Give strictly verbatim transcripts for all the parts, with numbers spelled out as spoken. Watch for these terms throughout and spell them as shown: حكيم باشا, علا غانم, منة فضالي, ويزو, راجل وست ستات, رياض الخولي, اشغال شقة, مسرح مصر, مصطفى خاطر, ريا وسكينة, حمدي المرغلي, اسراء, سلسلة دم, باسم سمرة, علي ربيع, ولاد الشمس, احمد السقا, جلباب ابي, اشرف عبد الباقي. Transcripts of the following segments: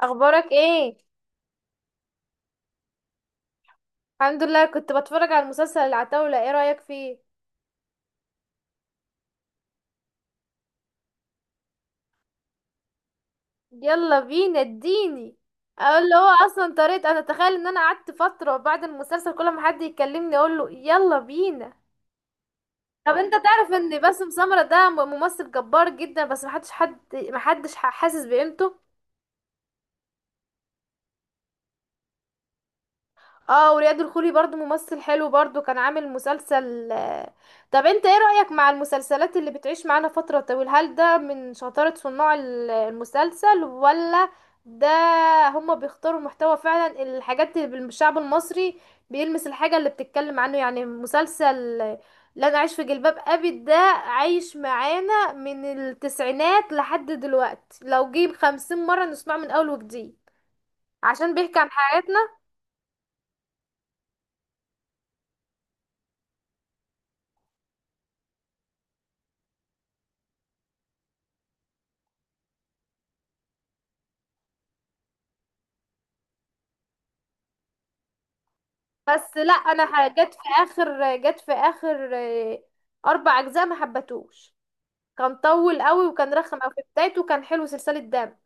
اخبارك ايه؟ الحمد لله. كنت بتفرج على المسلسل العتاولة، ايه رأيك فيه؟ يلا بينا اديني اقول له. هو اصلا طريقة، انا اتخيل ان انا قعدت فترة بعد المسلسل، كل ما حد يكلمني اقول له يلا بينا. طب انت تعرف ان باسم سمرة ده م- ممثل جبار جدا، بس محدش حد محدش ح- حاسس بقيمته. اه، ورياض الخولي برضو ممثل حلو، برضو كان عامل مسلسل. آه، طب انت ايه رأيك مع المسلسلات اللي بتعيش معانا فترة طويلة؟ هل ده من شطارة صناع ال- المسلسل، ولا ده هما بيختاروا محتوى فعلا الحاجات اللي بالشعب المصري، بيلمس الحاجة اللي بتتكلم عنه؟ يعني مسلسل. آه، لا، انا عايش في جلباب ابي ده عايش معانا من التسعينات لحد دلوقتي، لو جيب خمسين مرة نسمعه من اول وجديد، عشان بيحكي عن حياتنا. بس لا، انا ح- جت في اخر جت في اخر آه، اربع اجزاء ما حبتوش. كان طول قوي وكان رخم، او في بدايته كان حلو سلسلة دم.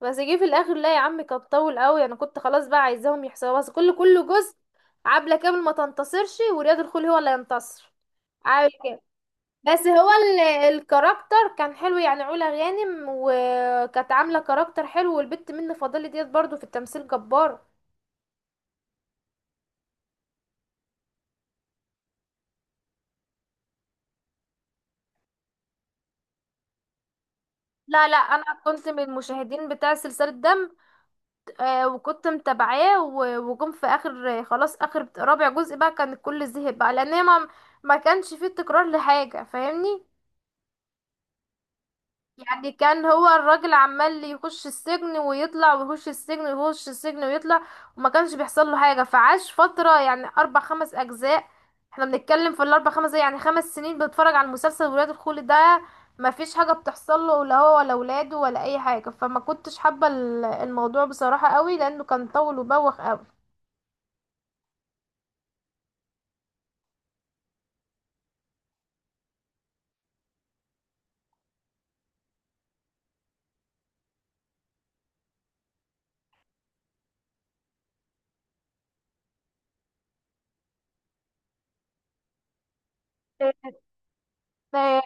بس جه في الاخر، لا يا عم كان طول قوي. انا كنت خلاص بقى عايزاهم يحصلوا، بس كل كل جزء عبلة كامل ما تنتصرش ورياض الخول هو اللي ينتصر، عامل كده. بس هو ال- الكاركتر كان حلو يعني، علا غانم وكانت عاملة كاركتر حلو، والبت منة فضالي ديت برضو في التمثيل جبارة. لا لا، انا كنت من المشاهدين بتاع سلسلة دم. آه، وكنت متابعاه، و- وجم في اخر، خلاص اخر رابع جزء بقى كان الكل زهق بقى، لان هي ما ما كانش فيه تكرار لحاجة، فاهمني؟ يعني كان هو الراجل عمال يخش السجن ويطلع ويخش السجن ويخش السجن ويطلع، وما كانش بيحصل له حاجة. فعاش فترة يعني اربع خمس اجزاء، احنا بنتكلم في الاربع خمس يعني خمس سنين بنتفرج على المسلسل. ولاد الخول ده ما فيش حاجة بتحصل له، لا هو ولا ولاده ولا اي حاجة، فما كنتش حابة ال- الموضوع بصراحة قوي، لانه كان طول وبوخ قوي. آه،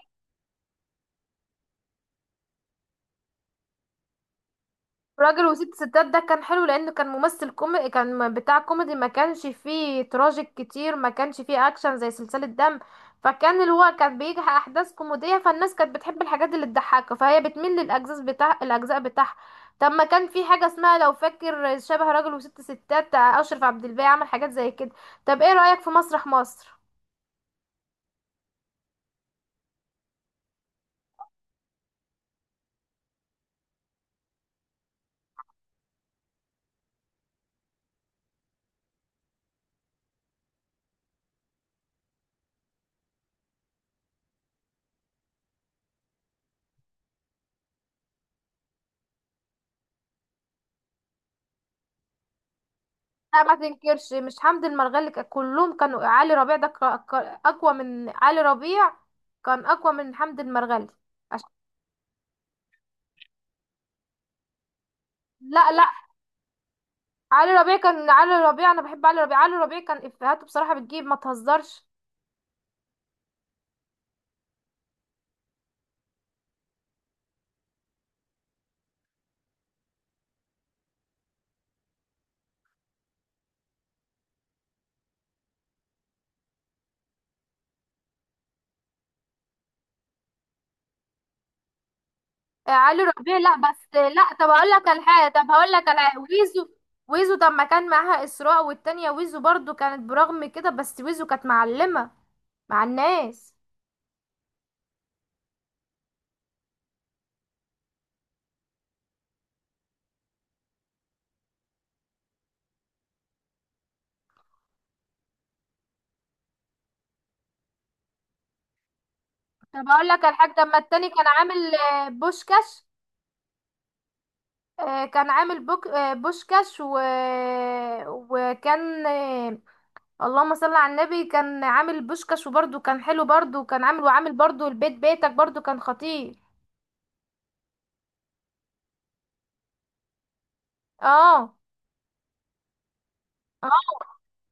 راجل وست ستات ده كان حلو لانه كان ممثل كوميدي، كان م- بتاع كوميدي، ما كانش فيه تراجيك كتير، ما كانش فيه اكشن زي سلسلة دم. فكان اللي هو كان بيجي احداث كوميدية، فالناس كانت بتحب الحاجات اللي تضحكها، فهي بتميل للاجزاء بتاع الاجزاء بتاعها. طب ما كان في حاجة اسمها لو فاكر شبه راجل وست ستات، اشرف عبد الباقي عمل حاجات زي كده. طب ايه رأيك في مسرح مصر؟ لا، ما تنكرش مش حمدي المرغلي كان- كلهم كانوا. علي ربيع ده ك- ك- اقوى من علي ربيع، كان اقوى من حمدي المرغلي. عش... لا لا. علي ربيع كان علي ربيع، انا بحب علي ربيع. علي ربيع كان افهاته بصراحة بتجيب، ما تهزرش. آه، علي ربيع، لا بس لا. طب هقول لك على حاجة، طب هقول لك على حاجة، ويزو. ويزو طب ما كان معاها اسراء والتانية، ويزو برضو كانت برغم كده، بس ويزو كانت معلمة مع الناس. طب هقول لك على حاجة. طب ما التاني كان عامل آه، بوشكاش. آه، كان عامل بوك آه، بوشكاش و... وكان آه، اللهم صل على النبي، كان عامل بوشكاش وبرده كان حلو، برده كان عامل، وعامل برده البيت بيتك برده كان خطير. اه. اه،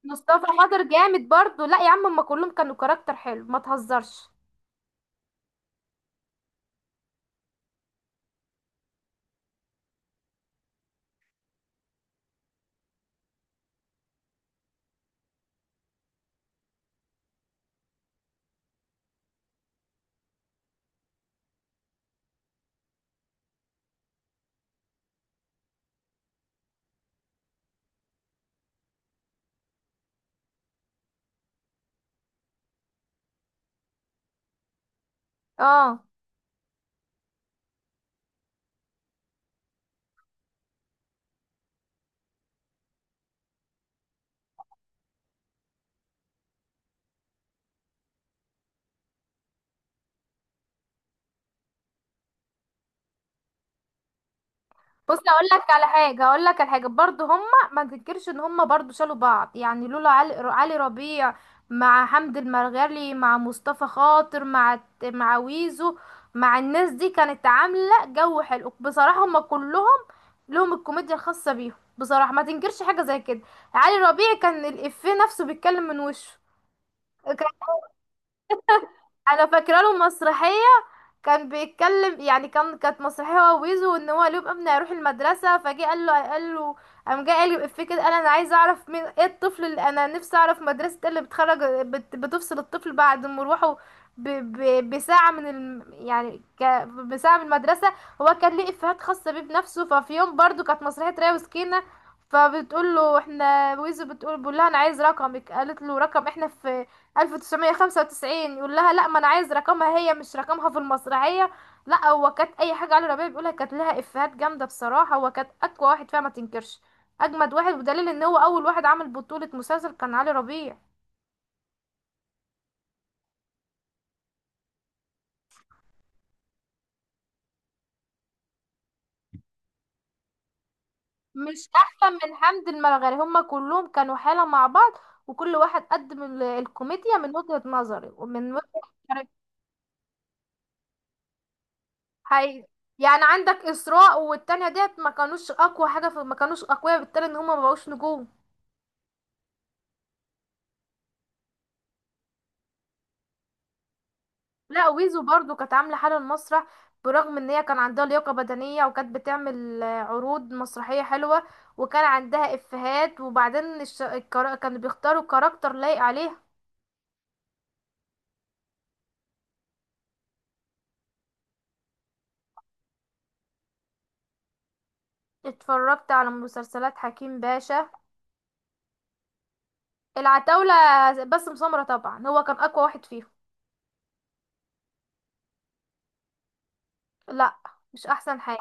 مصطفى خاطر جامد برده. لا يا عم هما كلهم كانوا كاركتر حلو، ما تهزرش. اه. بص، اقول لك على حاجه اقول لك على حاجه، برضو هما ما تنكرش ان هما برضو شالوا بعض، يعني لولا علي, علي ربيع مع حمد المرغلي مع مصطفى خاطر مع الت- مع ويزو مع الناس دي، كانت عامله جو حلو بصراحه. هما كلهم لهم الكوميديا الخاصه بيهم بصراحه، ما تنكرش حاجه زي كده. علي ربيع كان الافيه نفسه بيتكلم من وشه، كان. انا فاكره له مسرحيه، كان بيتكلم يعني، كان كانت مسرحيه هو ويزو، ان هو اليوم ابني هيروح المدرسه، فجه قال له قال له قام جه قال لي الإفيه كده، قال انا عايز اعرف مين، ايه الطفل اللي انا نفسي اعرف مدرسه إيه اللي بتخرج، بت بتفصل الطفل بعد مروحه ب ب بساعه من الم يعني ك بساعه من المدرسه. هو كان ليه افيهات خاصه بيه بنفسه. ففي يوم برضو كانت مسرحيه ريا وسكينه، فبتقول له احنا ويزو بتقول، بقول لها انا عايز رقمك، قالت له رقم، احنا في ألف وتسعمية وخمسة وتسعين، يقول لها لا ما انا عايز رقمها هي، مش رقمها في المسرحية. لا، هو كانت اي حاجة علي ربيع بيقولها كانت لها افيهات جامدة بصراحة. هو كانت اقوى واحد فيها، ما تنكرش. اجمد واحد بدليل ان هو اول واحد عمل بطولة مسلسل كان علي ربيع. مش احسن من حمد المرغني، هما كلهم كانوا حالة مع بعض، وكل واحد قدم ال- الكوميديا من وجهة نظري ومن وجهة. حقيقي. يعني عندك اسراء والتانية ديت ما كانوش اقوى حاجة في، ما كانوش اقوياء بالتالي ان هما ما بقوش نجوم. لا، ويزو برضو كانت عاملة حالة المسرح، برغم ان هي كان عندها لياقة بدنية، وكانت بتعمل آه، عروض مسرحية حلوة، وكان عندها افيهات. وبعدين الش... الكرا... كانوا بيختاروا كاركتر لايق عليه. اتفرجت على مسلسلات حكيم باشا. العتاولة، باسم سمرة طبعا هو كان اقوى واحد فيهم. لا، مش احسن حاجة.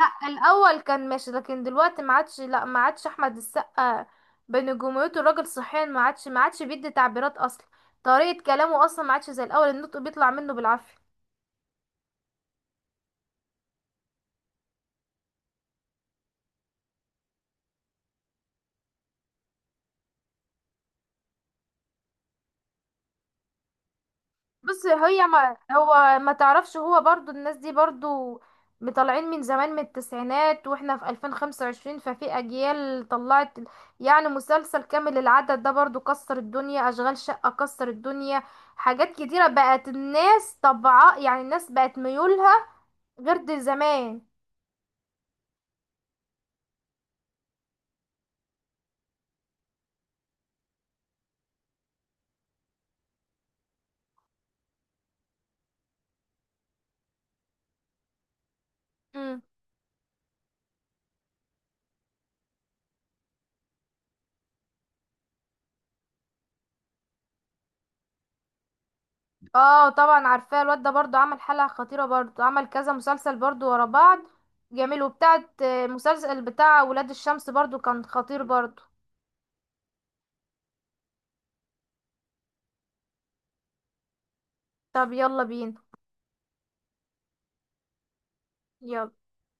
لا، الاول كان ماشي لكن دلوقتي ما عادش، لا ما عادش احمد السقا بنجوميته، الراجل صحيا ما عادش، ما عادش بيدي تعبيرات اصلا، طريقة كلامه اصلا ما عادش زي الاول، النطق بيطلع منه بالعافية. بص هي، ما هو ما تعرفش، هو برضو الناس دي برضو مطلعين من زمان من التسعينات واحنا في ألفين وخمسة وعشرين، ففي اجيال طلعت. يعني مسلسل كامل العدد ده برضو كسر الدنيا، اشغال شقة كسر الدنيا، حاجات كتيرة بقت. الناس طبعا يعني الناس بقت ميولها غير دي زمان. امم اه، طبعا عارفاه. الواد ده برضو عمل حلقة خطيرة، برضو عمل كذا مسلسل برضو ورا بعض، جميل. وبتاعت آه، مسلسل بتاع ولاد الشمس برضو كان خطير برضو. طب يلا بينا. يلا